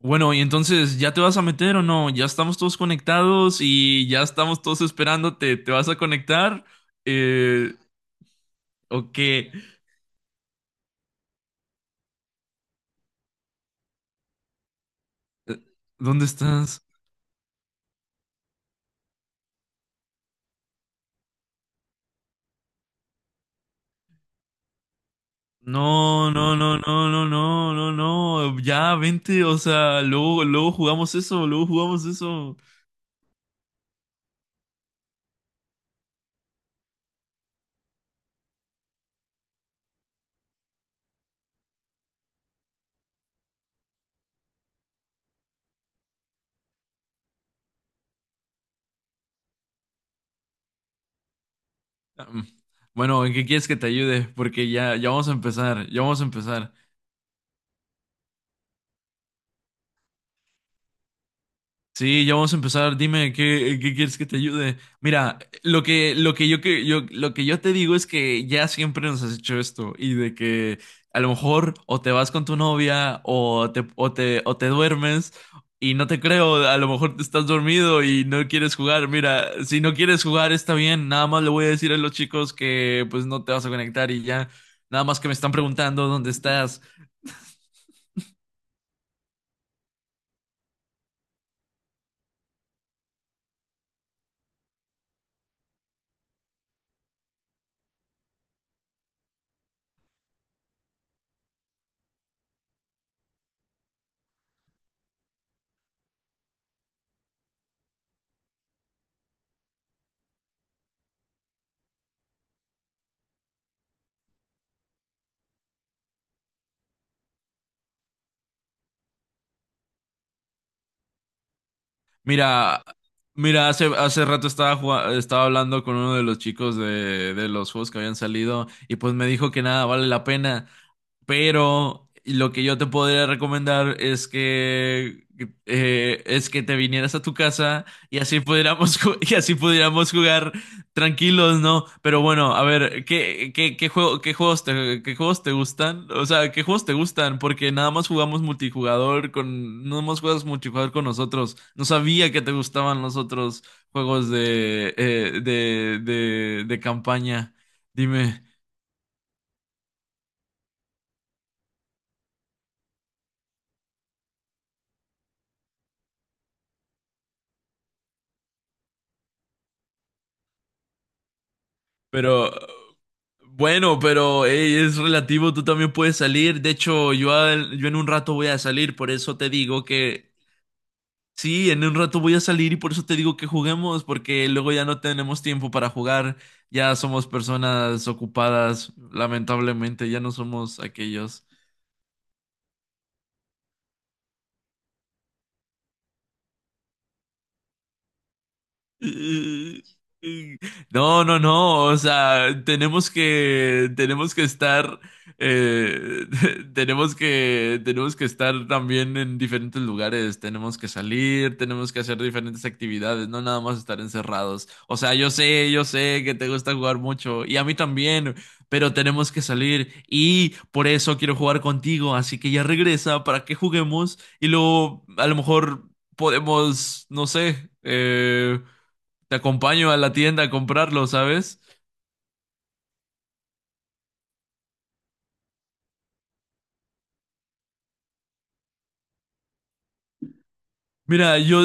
Bueno, y entonces, ¿ya te vas a meter o no? Ya estamos todos conectados y ya estamos todos esperándote. ¿Te vas a conectar? Eh, ¿O qué? Eh, ¿Dónde estás? No, no, no, no, no, no, no, no. Ya, vente, o sea, luego, luego jugamos eso, luego jugamos eso. Ah, mm. Bueno, ¿en qué quieres que te ayude? Porque ya vamos a empezar, ya vamos a empezar. Sí, ya vamos a empezar. Dime qué quieres que te ayude. Mira, lo que yo te digo es que ya siempre nos has hecho esto y de que a lo mejor o te vas con tu novia o o te duermes y no te creo. A lo mejor te estás dormido y no quieres jugar. Mira, si no quieres jugar está bien. Nada más le voy a decir a los chicos que pues no te vas a conectar y ya. Nada más que me están preguntando dónde estás. Mira, mira, hace rato estaba, estaba hablando con uno de los chicos de los juegos que habían salido y pues me dijo que nada vale la pena. Pero lo que yo te podría recomendar es que te vinieras a tu casa y así pudiéramos y así pudiéramos jugar tranquilos, ¿no? Pero bueno, a ver, qué juego, qué juegos te gustan? O sea, ¿qué juegos te gustan? Porque nada más jugamos multijugador con, no más juegas multijugador con nosotros. No sabía que te gustaban los otros juegos de, de campaña. Dime, pero. Bueno, pero ey, es relativo, tú también puedes salir. De hecho, yo, yo en un rato voy a salir, por eso te digo que sí, en un rato voy a salir y por eso te digo que juguemos, porque luego ya no tenemos tiempo para jugar, ya somos personas ocupadas, lamentablemente, ya no somos aquellos. No, no, no, o sea, tenemos que estar, eh, tenemos que estar también en diferentes lugares, tenemos que salir, tenemos que hacer diferentes actividades, no nada más estar encerrados. O sea, yo sé que te gusta jugar mucho y a mí también, pero tenemos que salir y por eso quiero jugar contigo, así que ya regresa para que juguemos y luego a lo mejor podemos, no sé, te acompaño a la tienda a comprarlo, ¿sabes? Mira, yo,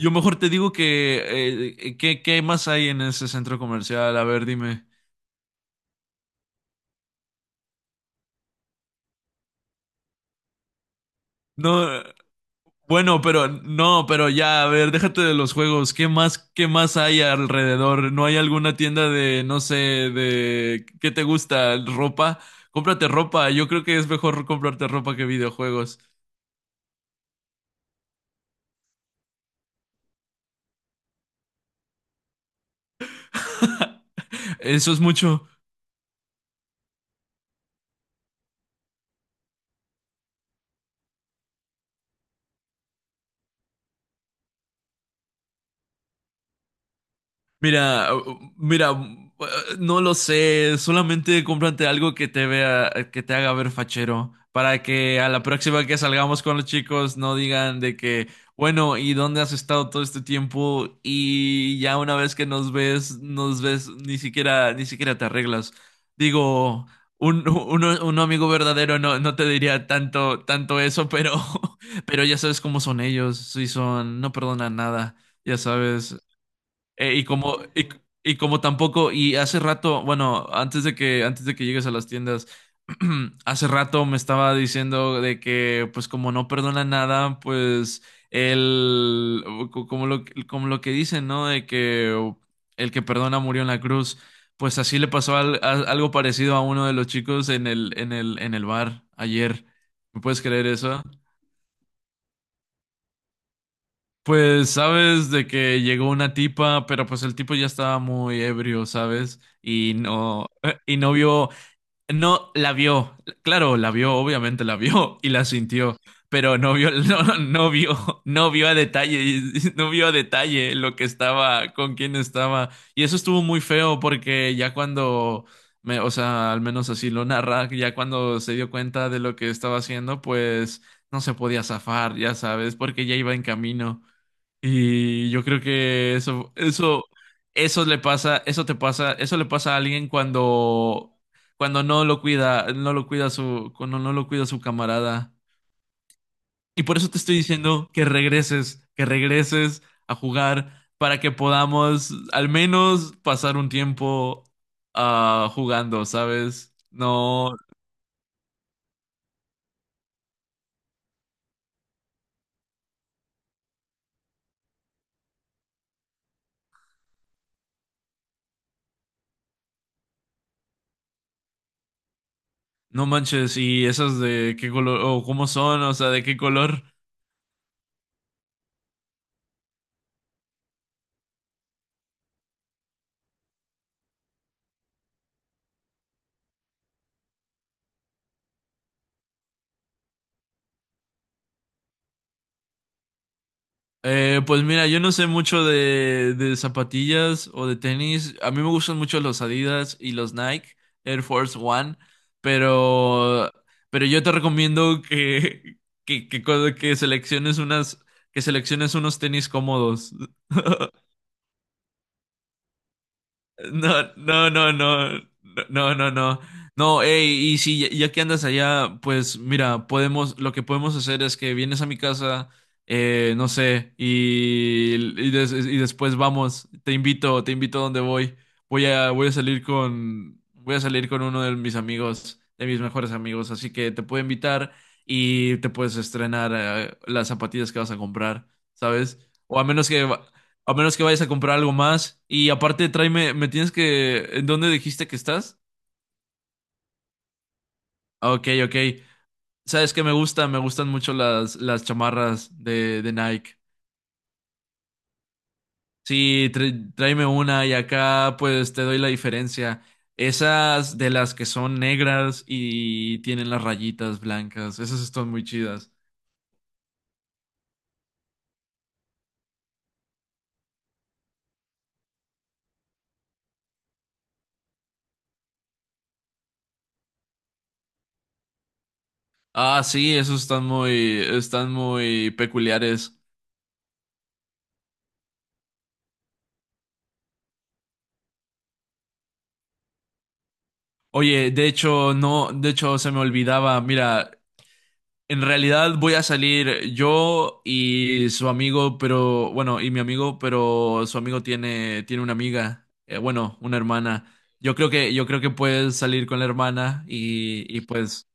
yo mejor te digo que, qué más hay en ese centro comercial? A ver, dime. No, bueno, pero no, pero ya, a ver, déjate de los juegos. Qué más hay alrededor? ¿No hay alguna tienda de, no sé, de qué te gusta? ¿Ropa? Cómprate ropa. Yo creo que es mejor comprarte ropa que videojuegos. Eso es mucho. Mira, uh, mira, uh, no lo sé, solamente cómprate algo que te vea, que te haga ver fachero, para que a la próxima que salgamos con los chicos no digan de que, bueno, ¿y dónde has estado todo este tiempo? Y ya una vez que nos ves, ni siquiera te arreglas. Digo, un amigo verdadero no, no te diría tanto, tanto eso, pero, pero ya sabes cómo son ellos, sí son, no perdonan nada. Ya sabes, eh, y como, y, y como tampoco, y hace rato, bueno, antes de que llegues a las tiendas, hace rato me estaba diciendo de que, pues como no perdona nada, pues el, como lo que dicen, ¿no? De que el que perdona murió en la cruz, pues así le pasó algo parecido a uno de los chicos en en el bar ayer. ¿Me puedes creer eso? Pues sabes de que llegó una tipa, pero pues el tipo ya estaba muy ebrio, ¿sabes? Y no vio, no la vio, claro, la vio, obviamente la vio y la sintió, pero no vio, no vio, no vio a detalle, y no vio a detalle lo que estaba, con quién estaba. Y eso estuvo muy feo porque ya cuando me, o sea, al menos así lo narra, ya cuando se dio cuenta de lo que estaba haciendo, pues no se podía zafar, ya sabes, porque ya iba en camino. Y yo creo que eso le pasa, eso te pasa, eso le pasa a alguien cuando, cuando no lo cuida, cuando no lo cuida su camarada. Y por eso te estoy diciendo que regreses a jugar para que podamos al menos pasar un tiempo ah, jugando, ¿sabes? No, no manches, y esas de qué color, o cómo son, o sea, de qué color. Pues mira, yo no sé mucho de zapatillas o de tenis. A mí me gustan mucho los Adidas y los Nike Air Force One, pero, pero yo te recomiendo que, que selecciones unas, que selecciones unos tenis cómodos. No, no, no, no, no, no, no. No, ey, y si ya, ya que andas allá, pues mira, podemos, lo que podemos hacer es que vienes a mi casa, no sé, y después vamos, te invito a donde voy. Voy a salir con, voy a salir con uno de mis amigos, de mis mejores amigos, así que te puedo invitar y te puedes estrenar, las zapatillas que vas a comprar, ¿sabes? O a menos que vayas a comprar algo más. Y aparte, tráeme, me tienes que... ¿En dónde dijiste que estás? Ah, ok, ok. Sabes que me gustan mucho las chamarras de Nike. Sí, tráeme una y acá pues te doy la diferencia. Esas de las que son negras y tienen las rayitas blancas, esas están muy chidas. Ah, sí, esos están muy peculiares. Oye, de hecho, no, de hecho se me olvidaba, mira, en realidad voy a salir yo y su amigo, pero bueno, y mi amigo, pero su amigo tiene, tiene una amiga, bueno, una hermana. Yo creo que puedes salir con la hermana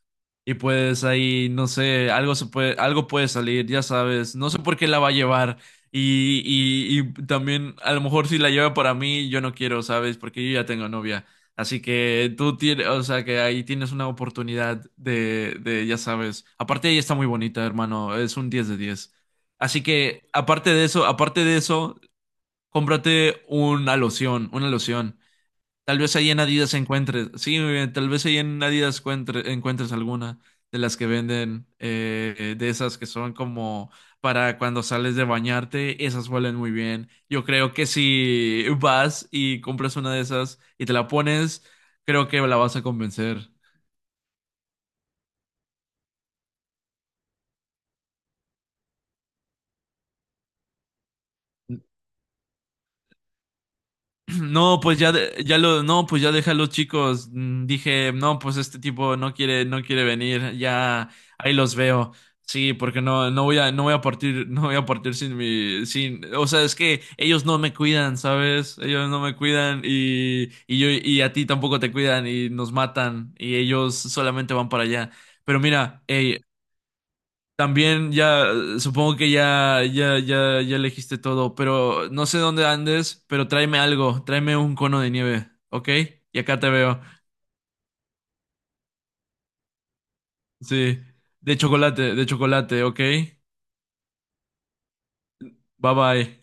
y pues ahí, no sé, algo se puede, algo puede salir, ya sabes. No sé por qué la va a llevar. Y también, a lo mejor si la lleva para mí, yo no quiero, ¿sabes? Porque yo ya tengo novia. Así que tú tienes, o sea, que ahí tienes una oportunidad de, ya sabes. Aparte, ella está muy bonita, hermano. Es un 10 de diez. Así que, aparte de eso, cómprate una loción, una loción. Tal vez ahí en Adidas encuentres, sí, muy bien, tal vez ahí en Adidas encuentres alguna de las que venden, de esas que son como para cuando sales de bañarte, esas huelen muy bien. Yo creo que si vas y compras una de esas y te la pones, creo que la vas a convencer. No, pues ya, no, pues ya deja a los chicos. Mm, dije, no, pues este tipo no quiere, no quiere venir. Ya, ahí los veo. Sí, porque no, no voy a partir, no voy a partir sin mi, sin, o sea, es que ellos no me cuidan, ¿sabes? Ellos no me cuidan y, y a ti tampoco te cuidan y nos matan y ellos solamente van para allá. Pero mira, hey, también ya, supongo que ya elegiste todo, pero no sé dónde andes, pero tráeme algo, tráeme un cono de nieve, ¿ok? Y acá te veo, sí, de chocolate, ¿ok? Bye bye.